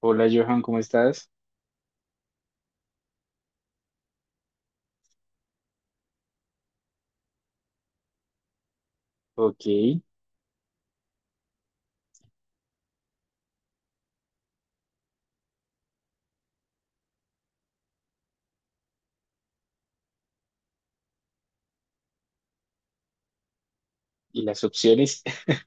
Hola Johan, ¿cómo estás? Ok, y las opciones,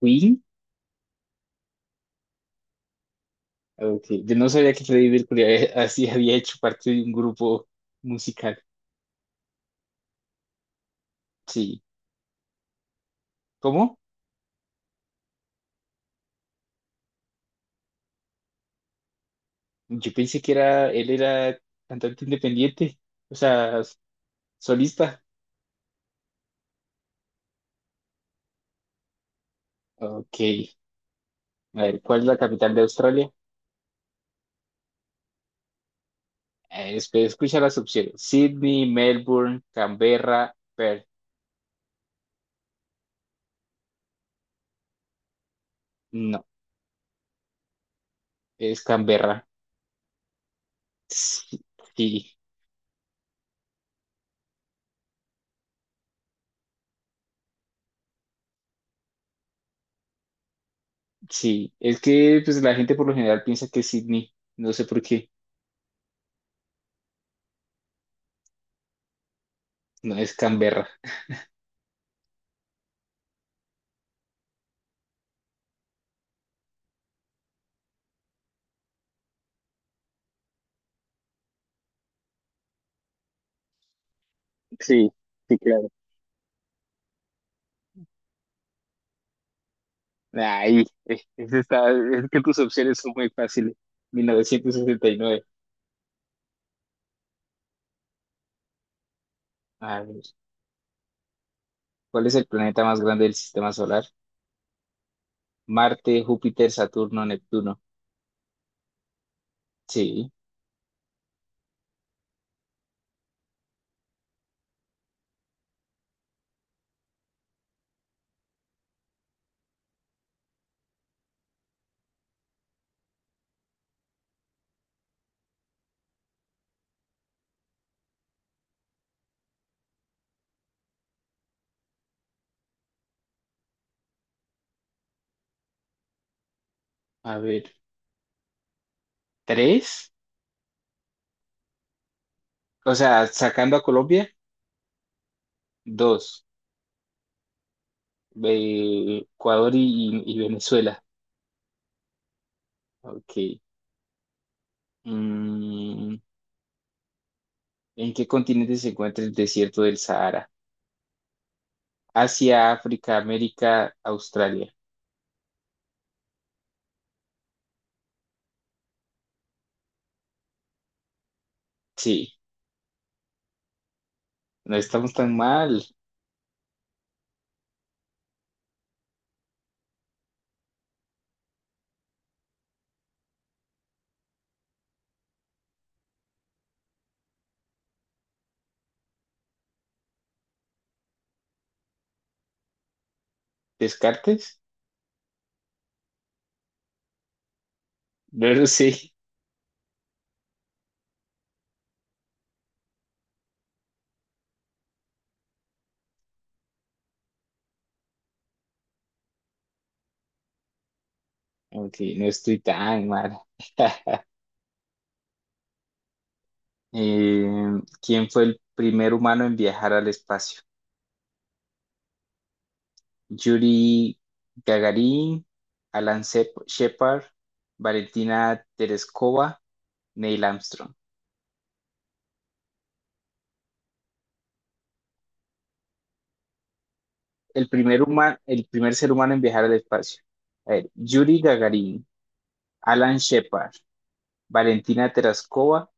Queen. Ok, yo no sabía que Freddie Mercury así había hecho parte de un grupo musical. Sí, ¿cómo? Yo pensé que era, él era cantante independiente, o sea, solista. Ok, a ver, ¿cuál es la capital de Australia? Escucha las opciones: Sydney, Melbourne, Canberra, Perth. No, es Canberra, sí, sí. Sí, es que pues la gente por lo general piensa que es Sydney, no sé por qué, no es Canberra. Sí, sí, claro. Ahí, es que tus opciones son muy fáciles. 1969. A ver, ¿cuál es el planeta más grande del sistema solar? Marte, Júpiter, Saturno, Neptuno. Sí, a ver, tres, o sea, sacando a Colombia, dos. Ecuador y Venezuela. Ok. Mm, ¿en qué continente se encuentra el desierto del Sahara? Asia, África, América, Australia. Sí, no estamos tan mal. ¿Descartes? No lo sé. Ok, no estoy tan mal. Eh, ¿Quién fue el primer humano en viajar al espacio? Yuri Gagarin, Shepard, Valentina Tereskova, Neil Armstrong. El primer ser humano en viajar al espacio. A ver, Yuri Gagarin, Alan Shepard, Valentina Terascova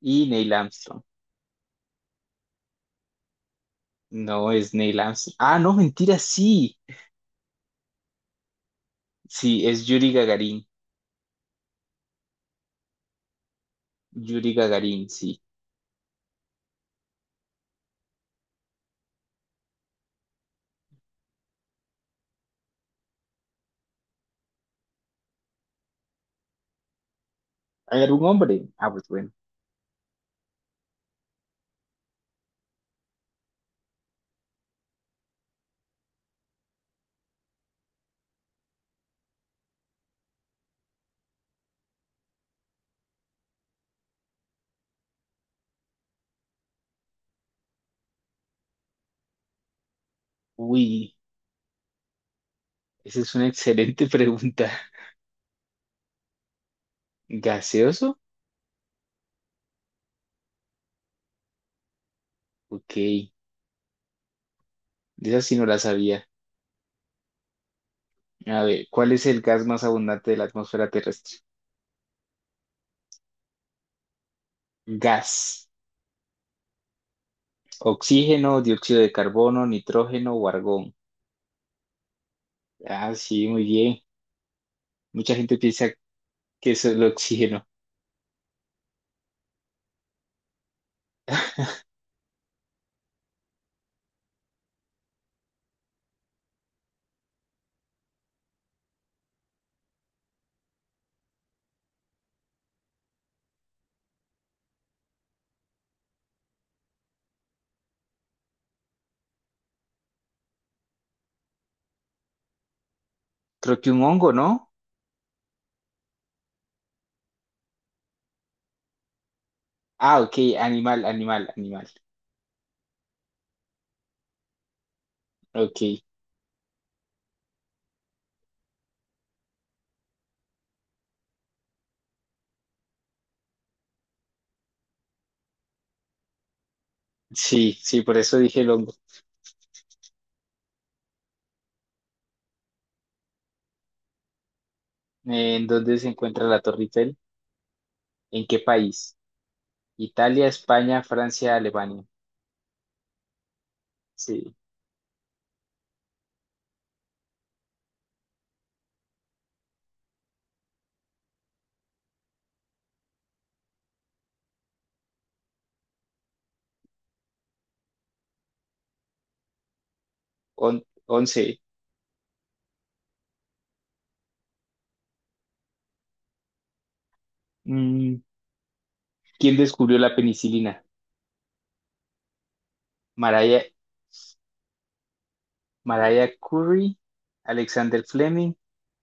y Neil Armstrong. No es Neil Armstrong. Ah, no, mentira, sí. Sí, es Yuri Gagarin. Yuri Gagarin, sí. ¿Hay algún hombre? Ah, pues bueno. Uy, esa es una excelente pregunta. ¿Gaseoso? Ok, de esa sí no la sabía. A ver, ¿cuál es el gas más abundante de la atmósfera terrestre? Gas. Oxígeno, dióxido de carbono, nitrógeno o argón. Ah, sí, muy bien. Mucha gente piensa que eso es el oxígeno. Creo que un hongo, ¿no? Ah, ok, animal, animal, animal. Ok, sí, sí, por eso dije longo. ¿En dónde se encuentra la Torre Eiffel? ¿En qué país? Italia, España, Francia, Alemania. Sí. Once. Mm, ¿quién descubrió la penicilina? Mariah, Mariah Curie, Alexander Fleming,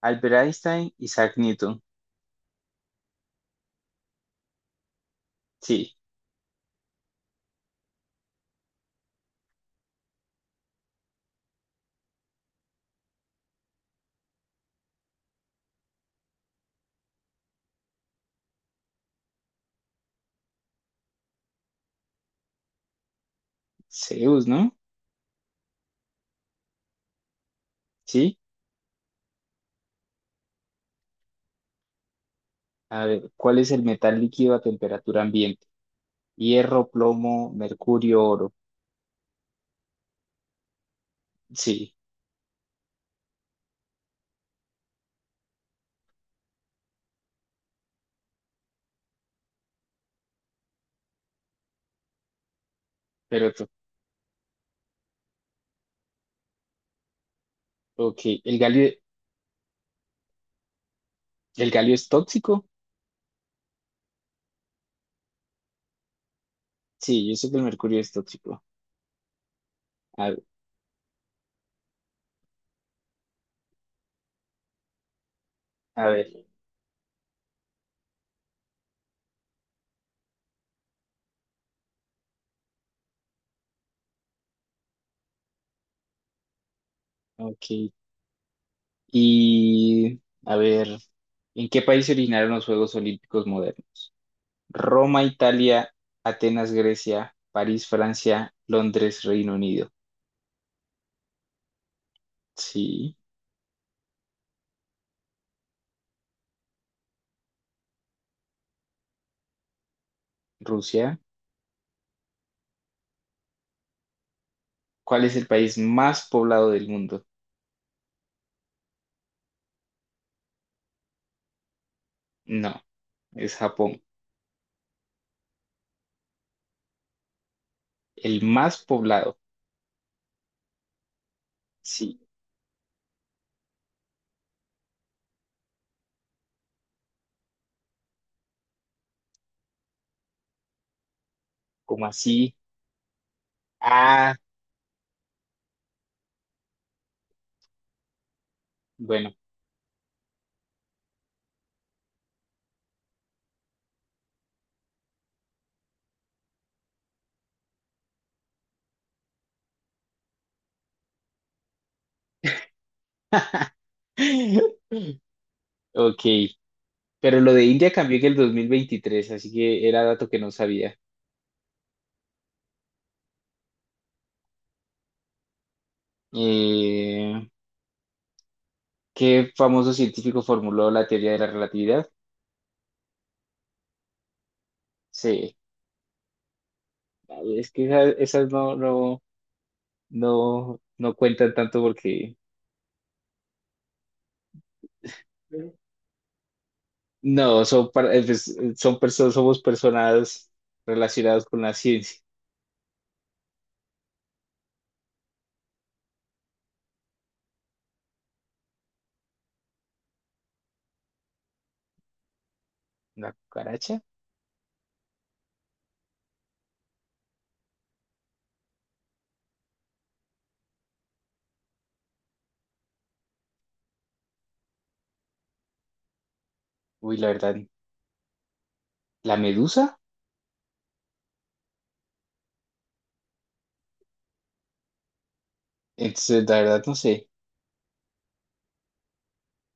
Albert Einstein, Isaac Newton. Sí. Zeus, ¿no? Sí. A ver, ¿cuál es el metal líquido a temperatura ambiente? Hierro, plomo, mercurio, oro. Sí. Pero, to- ok, el galio es tóxico? Sí, yo sé que el mercurio es tóxico. A, a ver, ok. Y, a ver, ¿en qué país se originaron los Juegos Olímpicos modernos? Roma, Italia; Atenas, Grecia; París, Francia; Londres, Reino Unido. Sí. Rusia. ¿Cuál es el país más poblado del mundo? No, es Japón. El más poblado. Sí, como así? Ah, bueno. Ok. Pero lo de India cambió en el 2023, así que era dato que no sabía. Eh, ¿Qué famoso científico formuló la teoría de la relatividad? Sí, es que esas, no, no cuentan tanto porque no. Son, pues, son personas, somos personas relacionadas con la ciencia. ¿La cucaracha? Uy, la verdad, ¿la medusa? Entonces, la verdad, no sé.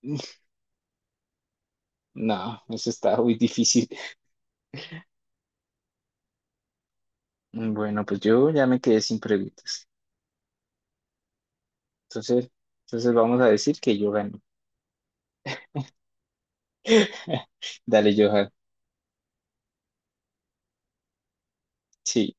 No, eso está muy difícil. Bueno, pues yo ya me quedé sin preguntas. Entonces, entonces vamos a decir que yo gané. Dale, Johan. Sí.